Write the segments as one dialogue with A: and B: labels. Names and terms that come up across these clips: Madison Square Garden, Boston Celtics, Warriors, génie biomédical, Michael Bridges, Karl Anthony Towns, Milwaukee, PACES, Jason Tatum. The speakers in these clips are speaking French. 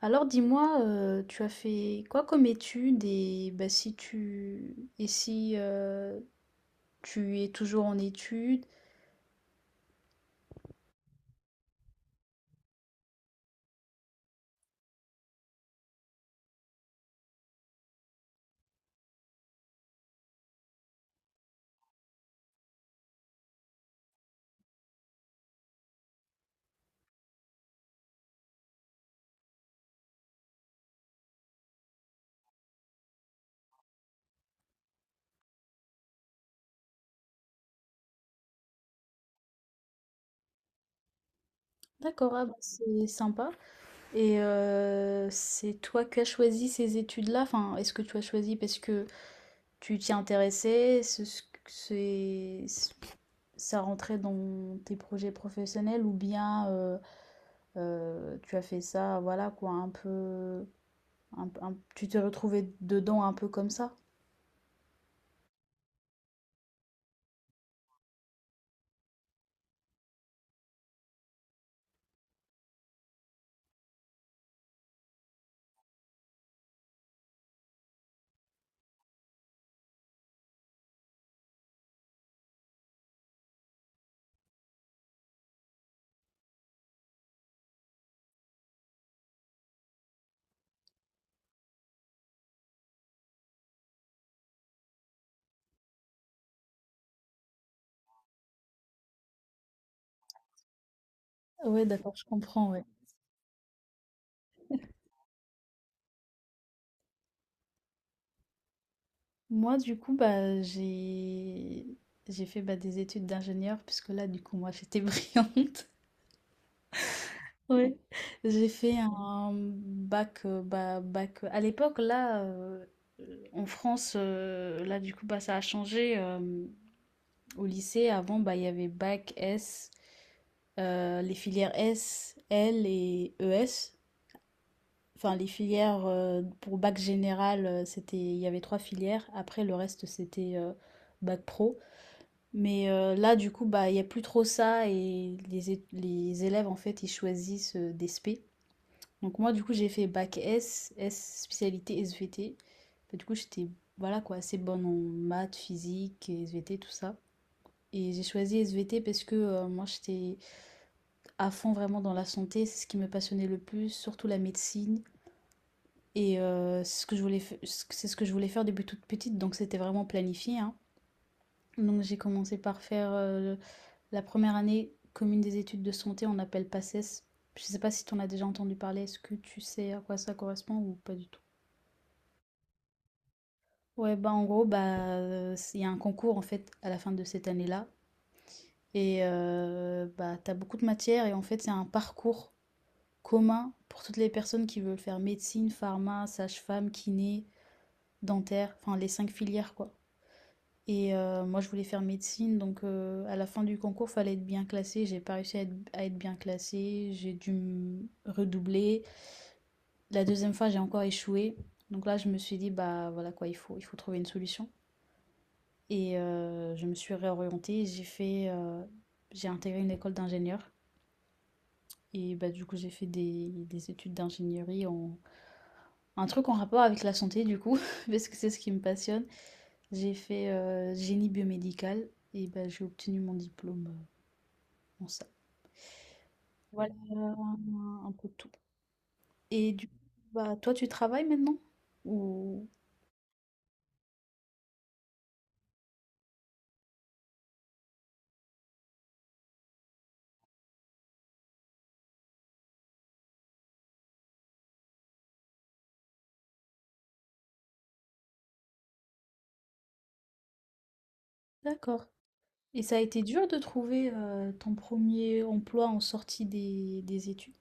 A: Alors dis-moi, tu as fait quoi comme études. Et bah, si tu et si, tu es toujours en études? D'accord, ah bah, c'est sympa. Et c'est toi qui as choisi ces études-là? Enfin, est-ce que tu as choisi parce que tu t'y intéressais? C'est ce que c'est ça rentrait dans tes projets professionnels, ou bien, tu as fait ça, voilà quoi, un peu, un tu t'es retrouvée dedans un peu comme ça? Ouais, d'accord, je comprends, ouais. Moi, du coup, bah, j'ai fait bah, des études d'ingénieur, puisque là, du coup, moi, j'étais brillante. Ouais. J'ai fait un bac, bah, bac. À l'époque, là, en France, là, du coup, bah, ça a changé. Au lycée, avant, bah, il y avait bac S, les filières S, L et ES. Enfin, les filières pour bac général, c'était, il y avait trois filières. Après, le reste, c'était bac pro. Mais là, du coup, bah, il y a plus trop ça, et les élèves, en fait, ils choisissent, des spé. Donc moi, du coup, j'ai fait bac S, S spécialité SVT. Bah, du coup, j'étais, voilà quoi, assez bonne en maths, physique, SVT, tout ça. Et j'ai choisi SVT parce que, moi, j'étais à fond vraiment dans la santé. C'est ce qui me passionnait le plus, surtout la médecine. Et c'est ce que je voulais faire depuis toute petite, donc c'était vraiment planifié, hein. Donc j'ai commencé par faire, la première année commune des études de santé, on appelle PACES. Je sais pas si tu en as déjà entendu parler, est-ce que tu sais à quoi ça correspond ou pas du tout? Ouais, bah en gros, bah il y a un concours en fait à la fin de cette année-là. Et bah, t'as beaucoup de matières, et en fait, c'est un parcours commun pour toutes les personnes qui veulent faire médecine, pharma, sage-femme, kiné, dentaire, enfin les cinq filières quoi. Et moi, je voulais faire médecine, donc à la fin du concours, fallait être bien classée. J'ai pas réussi à être bien classée. J'ai dû mmh, redoubler. La deuxième fois, j'ai encore échoué. Donc là, je me suis dit: «Bah, voilà quoi, il faut trouver une solution», et je me suis réorientée. J'ai intégré une école d'ingénieur, et bah, du coup, j'ai fait des études d'ingénierie, en un truc en rapport avec la santé du coup, parce que c'est ce qui me passionne. J'ai fait, génie biomédical, et bah, j'ai obtenu mon diplôme, en ça. Voilà, un peu de tout. Et du coup, bah, toi, tu travailles maintenant? Ou... D'accord. Et ça a été dur de trouver ton premier emploi en sortie des études?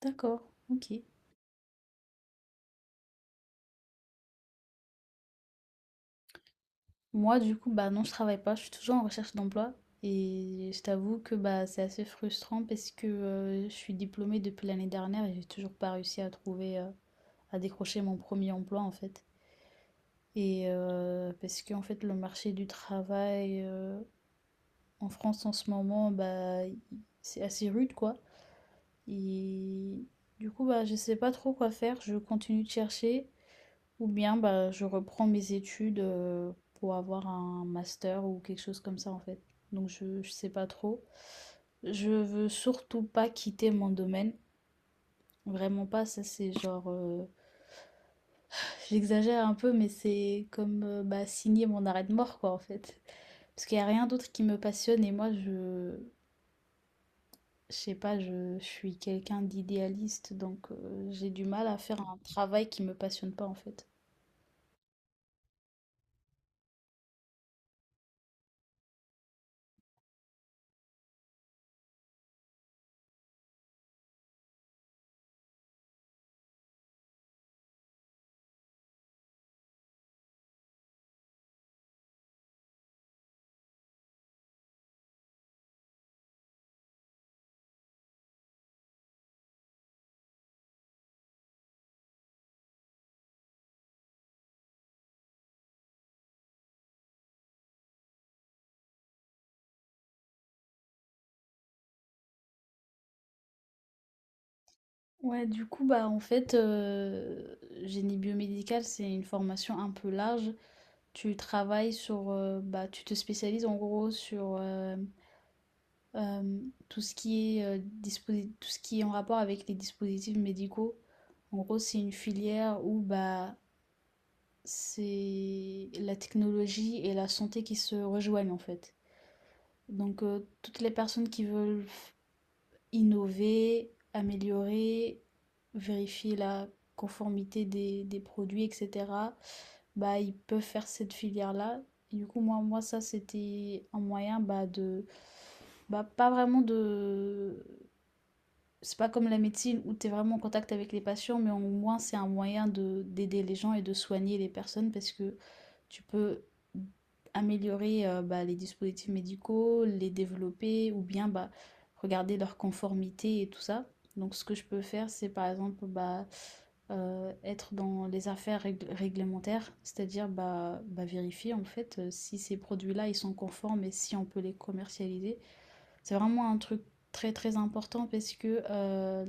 A: D'accord, ok. Moi, du coup, bah non, je travaille pas, je suis toujours en recherche d'emploi. Et je t'avoue que bah, c'est assez frustrant parce que je suis diplômée depuis l'année dernière et j'ai toujours pas réussi à trouver, à décrocher mon premier emploi en fait. Et parce que en fait, le marché du travail... en France, en ce moment, bah, c'est assez rude, quoi. Et du coup, bah, je sais pas trop quoi faire. Je continue de chercher, ou bien bah, je reprends mes études pour avoir un master ou quelque chose comme ça, en fait. Donc, je sais pas trop. Je veux surtout pas quitter mon domaine. Vraiment pas, ça c'est genre... j'exagère un peu, mais c'est comme bah, signer mon arrêt de mort, quoi, en fait. Parce qu'il n'y a rien d'autre qui me passionne, et moi, je sais pas, je suis quelqu'un d'idéaliste, donc j'ai du mal à faire un travail qui me passionne pas en fait. Ouais, du coup, bah en fait, génie biomédical, c'est une formation un peu large. Tu travailles sur, bah tu te spécialises en gros sur euh, tout ce qui est tout ce qui est en rapport avec les dispositifs médicaux. En gros, c'est une filière où bah c'est la technologie et la santé qui se rejoignent en fait. Donc, toutes les personnes qui veulent innover, améliorer, vérifier la conformité des produits et cetera, bah, ils peuvent faire cette filière-là. Et du coup, moi ça, c'était un moyen, bah, de bah, pas vraiment de, c'est pas comme la médecine où tu es vraiment en contact avec les patients, mais au moins c'est un moyen de d'aider les gens et de soigner les personnes parce que tu peux améliorer bah, les dispositifs médicaux, les développer ou bien bah, regarder leur conformité et tout ça. Donc ce que je peux faire, c'est par exemple bah, être dans les affaires réglementaires, c'est-à-dire bah, bah, vérifier en fait si ces produits-là ils sont conformes et si on peut les commercialiser. C'est vraiment un truc très très important parce que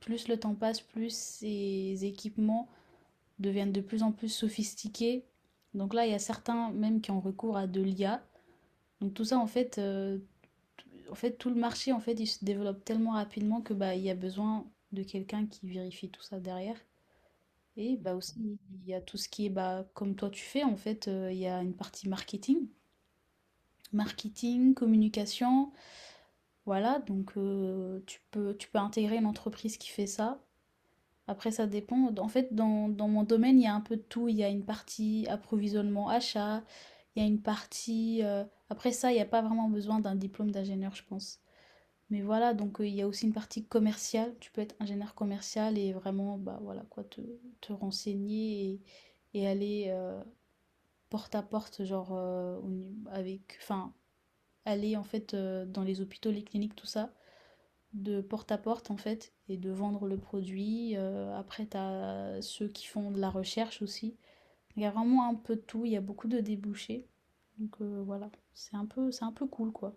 A: plus le temps passe, plus ces équipements deviennent de plus en plus sophistiqués. Donc là, il y a certains même qui ont recours à de l'IA. Donc tout ça, en fait, tout le marché, en fait, il se développe tellement rapidement que bah, il y a besoin de quelqu'un qui vérifie tout ça derrière. Et bah aussi, il y a tout ce qui est, bah, comme toi tu fais, en fait, il y a une partie marketing. Marketing, communication, voilà, donc tu peux intégrer une entreprise qui fait ça. Après ça dépend, en fait dans mon domaine, il y a un peu de tout. Il y a une partie approvisionnement achat, il y a une partie, après ça, il y a pas vraiment besoin d'un diplôme d'ingénieur, je pense. Mais voilà, donc il y a aussi une partie commerciale. Tu peux être ingénieur commercial et vraiment, bah, voilà quoi, te renseigner et aller, porte à porte, genre, au nu avec, enfin aller en fait, dans les hôpitaux, les cliniques, tout ça, de porte à porte en fait, et de vendre le produit. Après, tu as ceux qui font de la recherche aussi. Il y a vraiment un peu de tout, il y a beaucoup de débouchés. Donc voilà, c'est un peu cool quoi.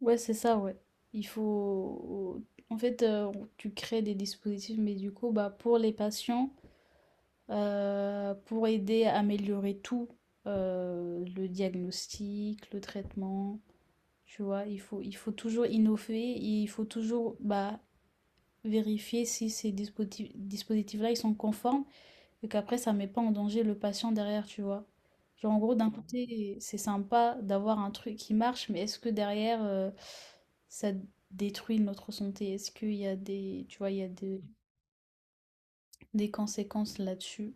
A: Ouais, c'est ça, ouais. Il faut. En fait, tu crées des dispositifs médicaux bah, pour les patients, pour aider à améliorer tout le diagnostic, le traitement. Tu vois, il faut toujours innover, il faut toujours bah, vérifier si ces dispositifs-là, ils sont conformes et qu'après, ça met pas en danger le patient derrière, tu vois. Genre, en gros, d'un côté, c'est sympa d'avoir un truc qui marche, mais est-ce que derrière, ça détruit notre santé? Est-ce qu'il y a des, tu vois, il y a des conséquences là-dessus?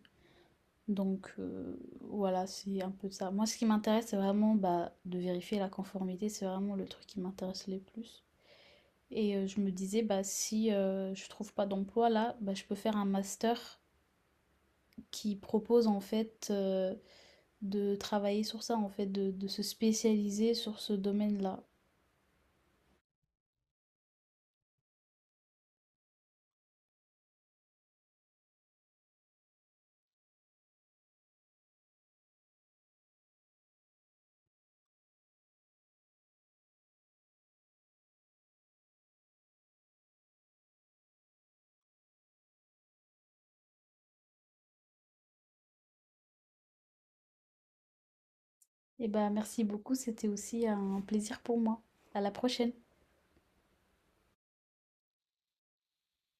A: Donc, voilà, c'est un peu ça. Moi, ce qui m'intéresse, c'est vraiment bah, de vérifier la conformité. C'est vraiment le truc qui m'intéresse le plus. Et je me disais, bah, si je trouve pas d'emploi là, bah, je peux faire un master qui propose en fait de travailler sur ça, en fait, de se spécialiser sur ce domaine-là. Et ben merci beaucoup, c'était aussi un plaisir pour moi. À la prochaine.